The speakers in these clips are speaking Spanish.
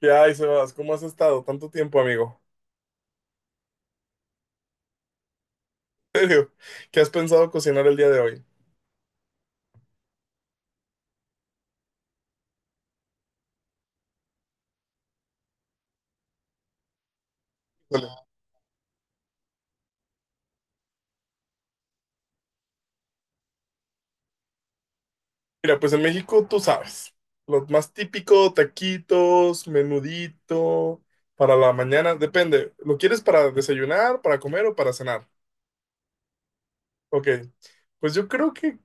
¿Qué hay, Sebas? ¿Cómo has estado? Tanto tiempo, amigo. ¿En serio? ¿Qué has pensado cocinar el día de hoy? Híjole. Mira, pues en México tú sabes, lo más típico, taquitos, menudito, para la mañana, depende, ¿lo quieres para desayunar, para comer o para cenar? Ok, pues yo creo que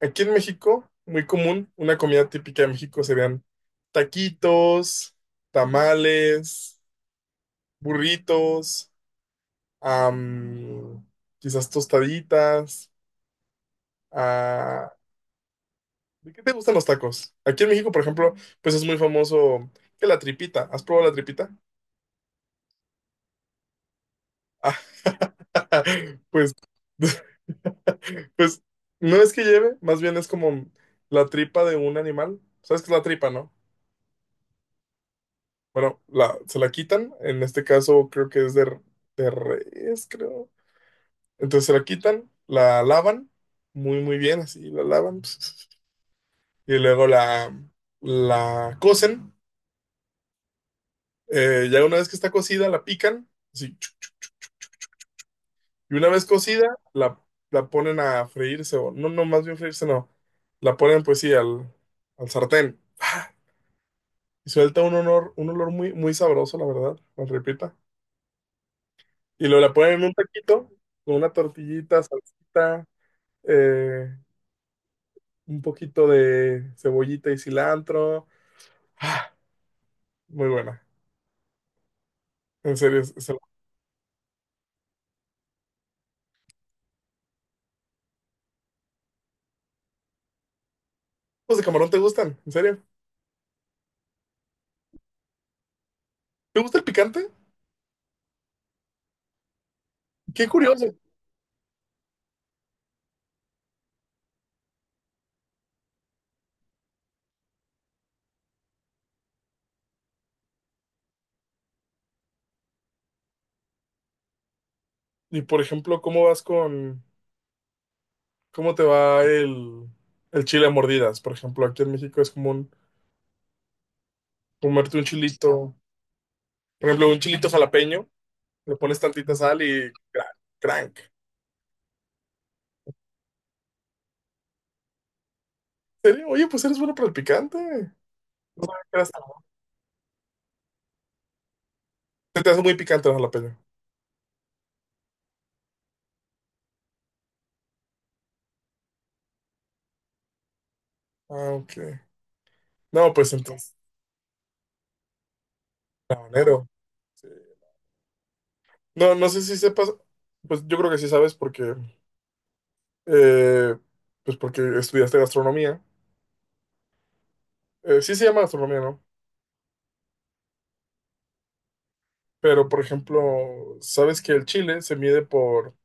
aquí en México, muy común, una comida típica de México serían taquitos, tamales, burritos, am, quizás tostaditas. Ah, ¿de qué te gustan los tacos? Aquí en México, por ejemplo, pues es muy famoso que la tripita. ¿Has probado la tripita? Ah, pues, pues no es que lleve, más bien es como la tripa de un animal. ¿Sabes qué es la tripa, no? Bueno, se la quitan, en este caso creo que es de, de res, creo. Entonces se la quitan, la lavan muy, muy bien, así la lavan. Y luego la cocen. Ya una vez que está cocida, la pican. Sí, y una vez cocida, la, la ponen a freírse. O, no, no, más bien freírse, no. La ponen, pues sí, al sartén. Y suelta un olor muy, muy sabroso, la verdad, la repita. Y luego la ponen en un taquito, con una tortillita, salsita, eh, un poquito de cebollita y cilantro. Ah, muy buena. En serio, ¿los de camarón te gustan? ¿En serio? ¿Te gusta el picante? Qué curioso. Y por ejemplo, cómo te va el chile a mordidas? Por ejemplo, aquí en México es común comerte un chilito, por ejemplo, un chilito jalapeño, le pones tantita sal y crank. ¿En serio? Oye, pues eres bueno para el picante. Se te hace muy picante el jalapeño. Ah, ok. No, pues entonces, habanero. Sí. No, no sé si sepas, pues yo creo que sí sabes porque, eh, pues porque estudiaste gastronomía. Sí se llama gastronomía, ¿no? Pero, por ejemplo, sabes que el chile se mide por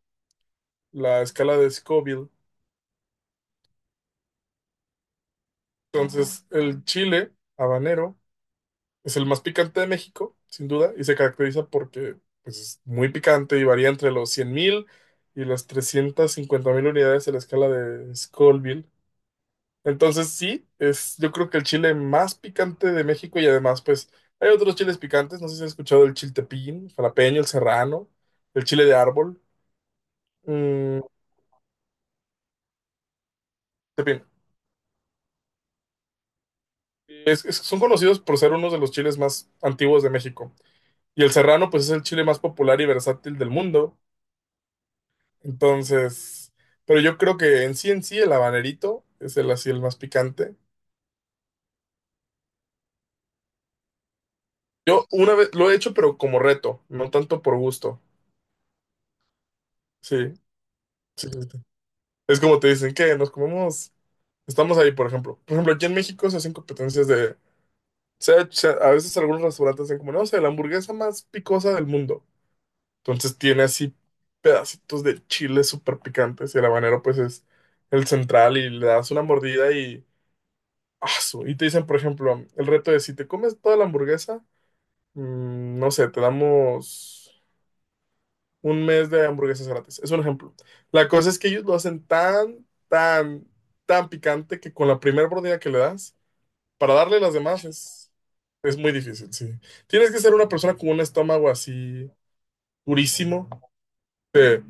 la escala de Scoville. Entonces, el chile habanero es el más picante de México, sin duda, y se caracteriza porque pues, es muy picante y varía entre los 100.000 y las 350.000 unidades en la escala de Scoville. Entonces, sí, es yo creo que el chile más picante de México y además, pues, hay otros chiles picantes. No sé si has escuchado el chiltepín, el jalapeño, el serrano, el chile de árbol. Mm, en Son conocidos por ser uno de los chiles más antiguos de México. Y el serrano, pues es el chile más popular y versátil del mundo. Entonces, pero yo creo que en sí, el habanerito es el así el más picante. Yo una vez lo he hecho, pero como reto, no tanto por gusto. Sí, sí, sí, sí. Es como te dicen que nos comemos, estamos ahí, por ejemplo. Por ejemplo, aquí en México se hacen competencias de, a veces algunos restaurantes hacen como, no, sé la hamburguesa más picosa del mundo. Entonces tiene así pedacitos de chile súper picantes y el habanero pues es el central y le das una mordida y asu, y te dicen, por ejemplo, el reto de si te comes toda la hamburguesa, no sé, te damos un mes de hamburguesas gratis. Es un ejemplo. La cosa es que ellos lo hacen tan, tan, tan picante que con la primera mordida que le das, para darle las demás es muy difícil, sí. Tienes que ser una persona con un estómago así durísimo. que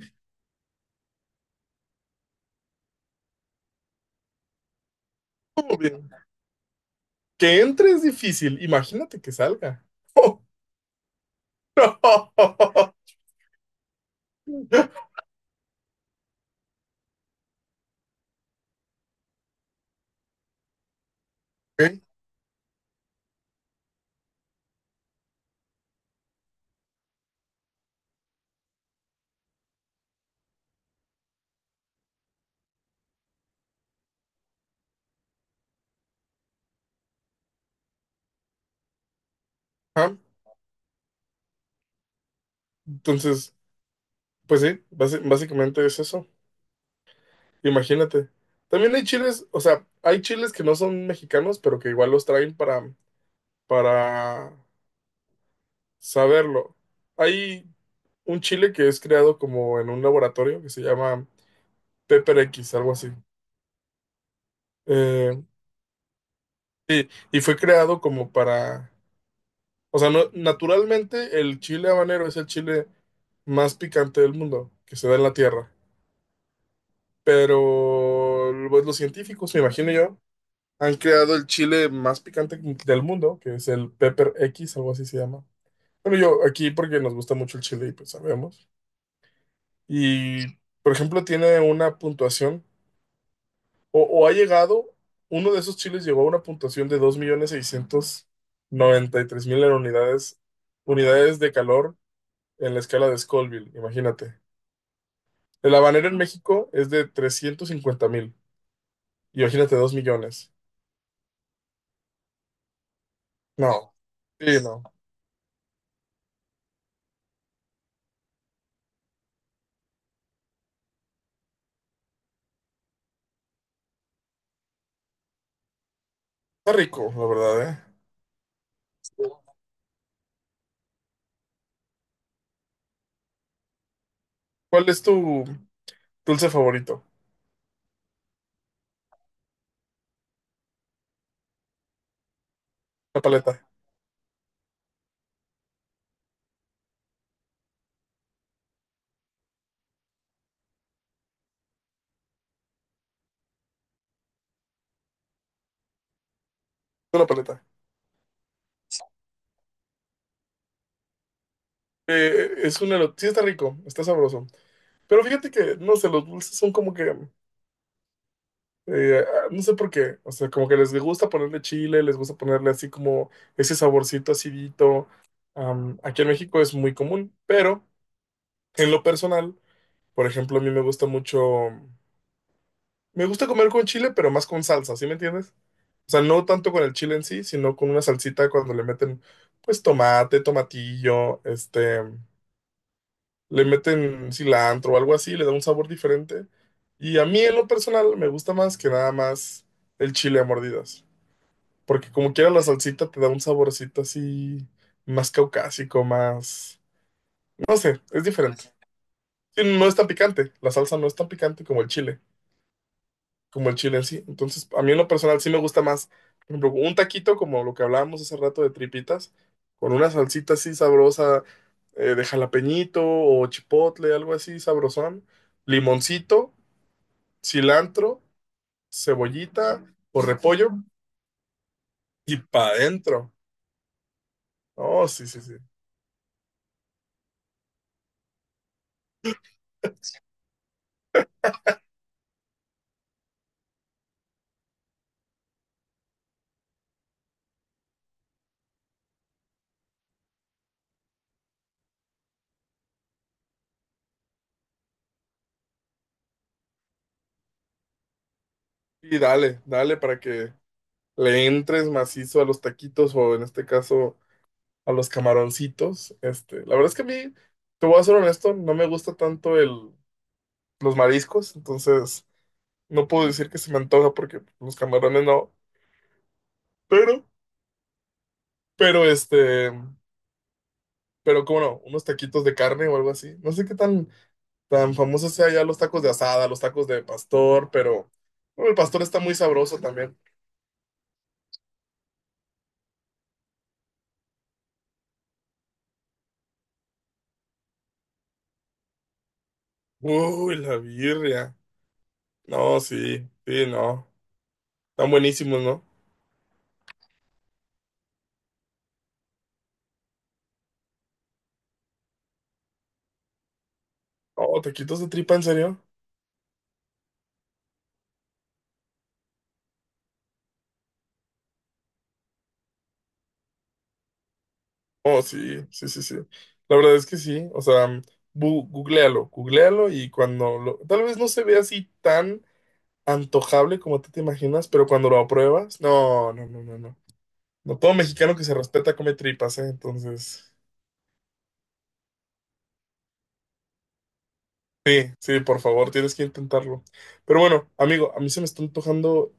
que entre es difícil, imagínate que salga. Ok, ajá. Entonces, pues sí, básicamente es eso. Imagínate. También hay chiles, o sea, hay chiles que no son mexicanos, pero que igual los traen para, saberlo. Hay un chile que es creado como en un laboratorio que se llama Pepper X, algo así. Eh, y fue creado como para, o sea, naturalmente el chile habanero es el chile más picante del mundo que se da en la tierra. Pero pues, los científicos, me imagino yo han creado el chile más picante del mundo, que es el Pepper X, algo así se llama. Bueno, yo aquí porque nos gusta mucho el chile y pues sabemos. Y, por ejemplo, tiene una puntuación, o ha llegado, uno de esos chiles llegó a una puntuación de 2.693.000 unidades, unidades de calor en la escala de Scoville, imagínate. El habanero en México es de 350.000, imagínate 2 millones. No, sí, no. Está rico, la verdad, ¿eh? ¿Cuál es tu dulce favorito? La paleta. De la paleta. Es un elote. Sí, está rico, está sabroso. Pero fíjate que, no sé, los dulces son como que no sé por qué. O sea, como que les gusta ponerle chile, les gusta ponerle así como ese saborcito acidito. Aquí en México es muy común, pero en lo personal, por ejemplo, a mí me gusta mucho. Me gusta comer con chile, pero más con salsa, ¿sí me entiendes? O sea, no tanto con el chile en sí, sino con una salsita cuando le meten, pues, tomate, tomatillo, le meten cilantro o algo así, le da un sabor diferente. Y a mí en lo personal me gusta más que nada más el chile a mordidas, porque como quiera la salsita te da un saborcito así más caucásico, más, no sé, es diferente. Sí, no es tan picante, la salsa no es tan picante como el chile. Como el chile en sí. Entonces, a mí en lo personal sí me gusta más, por ejemplo, un taquito como lo que hablábamos hace rato de tripitas, con una salsita así sabrosa de jalapeñito o chipotle, algo así sabrosón, limoncito, cilantro, cebollita o repollo y pa' adentro. Oh, sí, sí, sí. Y dale, dale para que le entres macizo a los taquitos o en este caso a los camaroncitos. La verdad es que a mí, te voy a ser honesto, no me gusta tanto el los mariscos, entonces no puedo decir que se me antoja porque los camarones no, pero, pero este, pero cómo no, unos taquitos de carne o algo así. No sé qué tan, tan famosos sea ya los tacos de asada, los tacos de pastor, pero bueno, el pastor está muy sabroso también. Uy, la birria. No, sí, sí, no. Están buenísimos, ¿no? Oh, taquitos de tripa, ¿en serio? Oh, sí, sí, sí, sí. La verdad es que sí. O sea, googlealo, googlealo y cuando tal vez no se ve así tan antojable como tú te imaginas, pero cuando lo apruebas, no, no, no, no, no. No todo mexicano que se respeta come tripas, ¿eh? Entonces, sí, sí, por favor, tienes que intentarlo. Pero bueno, amigo, a mí se me están antojando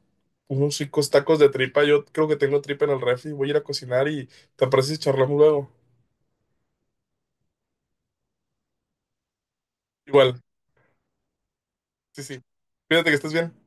unos ricos tacos de tripa. Yo creo que tengo tripa en el refri. Voy a ir a cocinar y te apareces y charlamos luego. Igual, sí, sí. Cuídate que estés bien.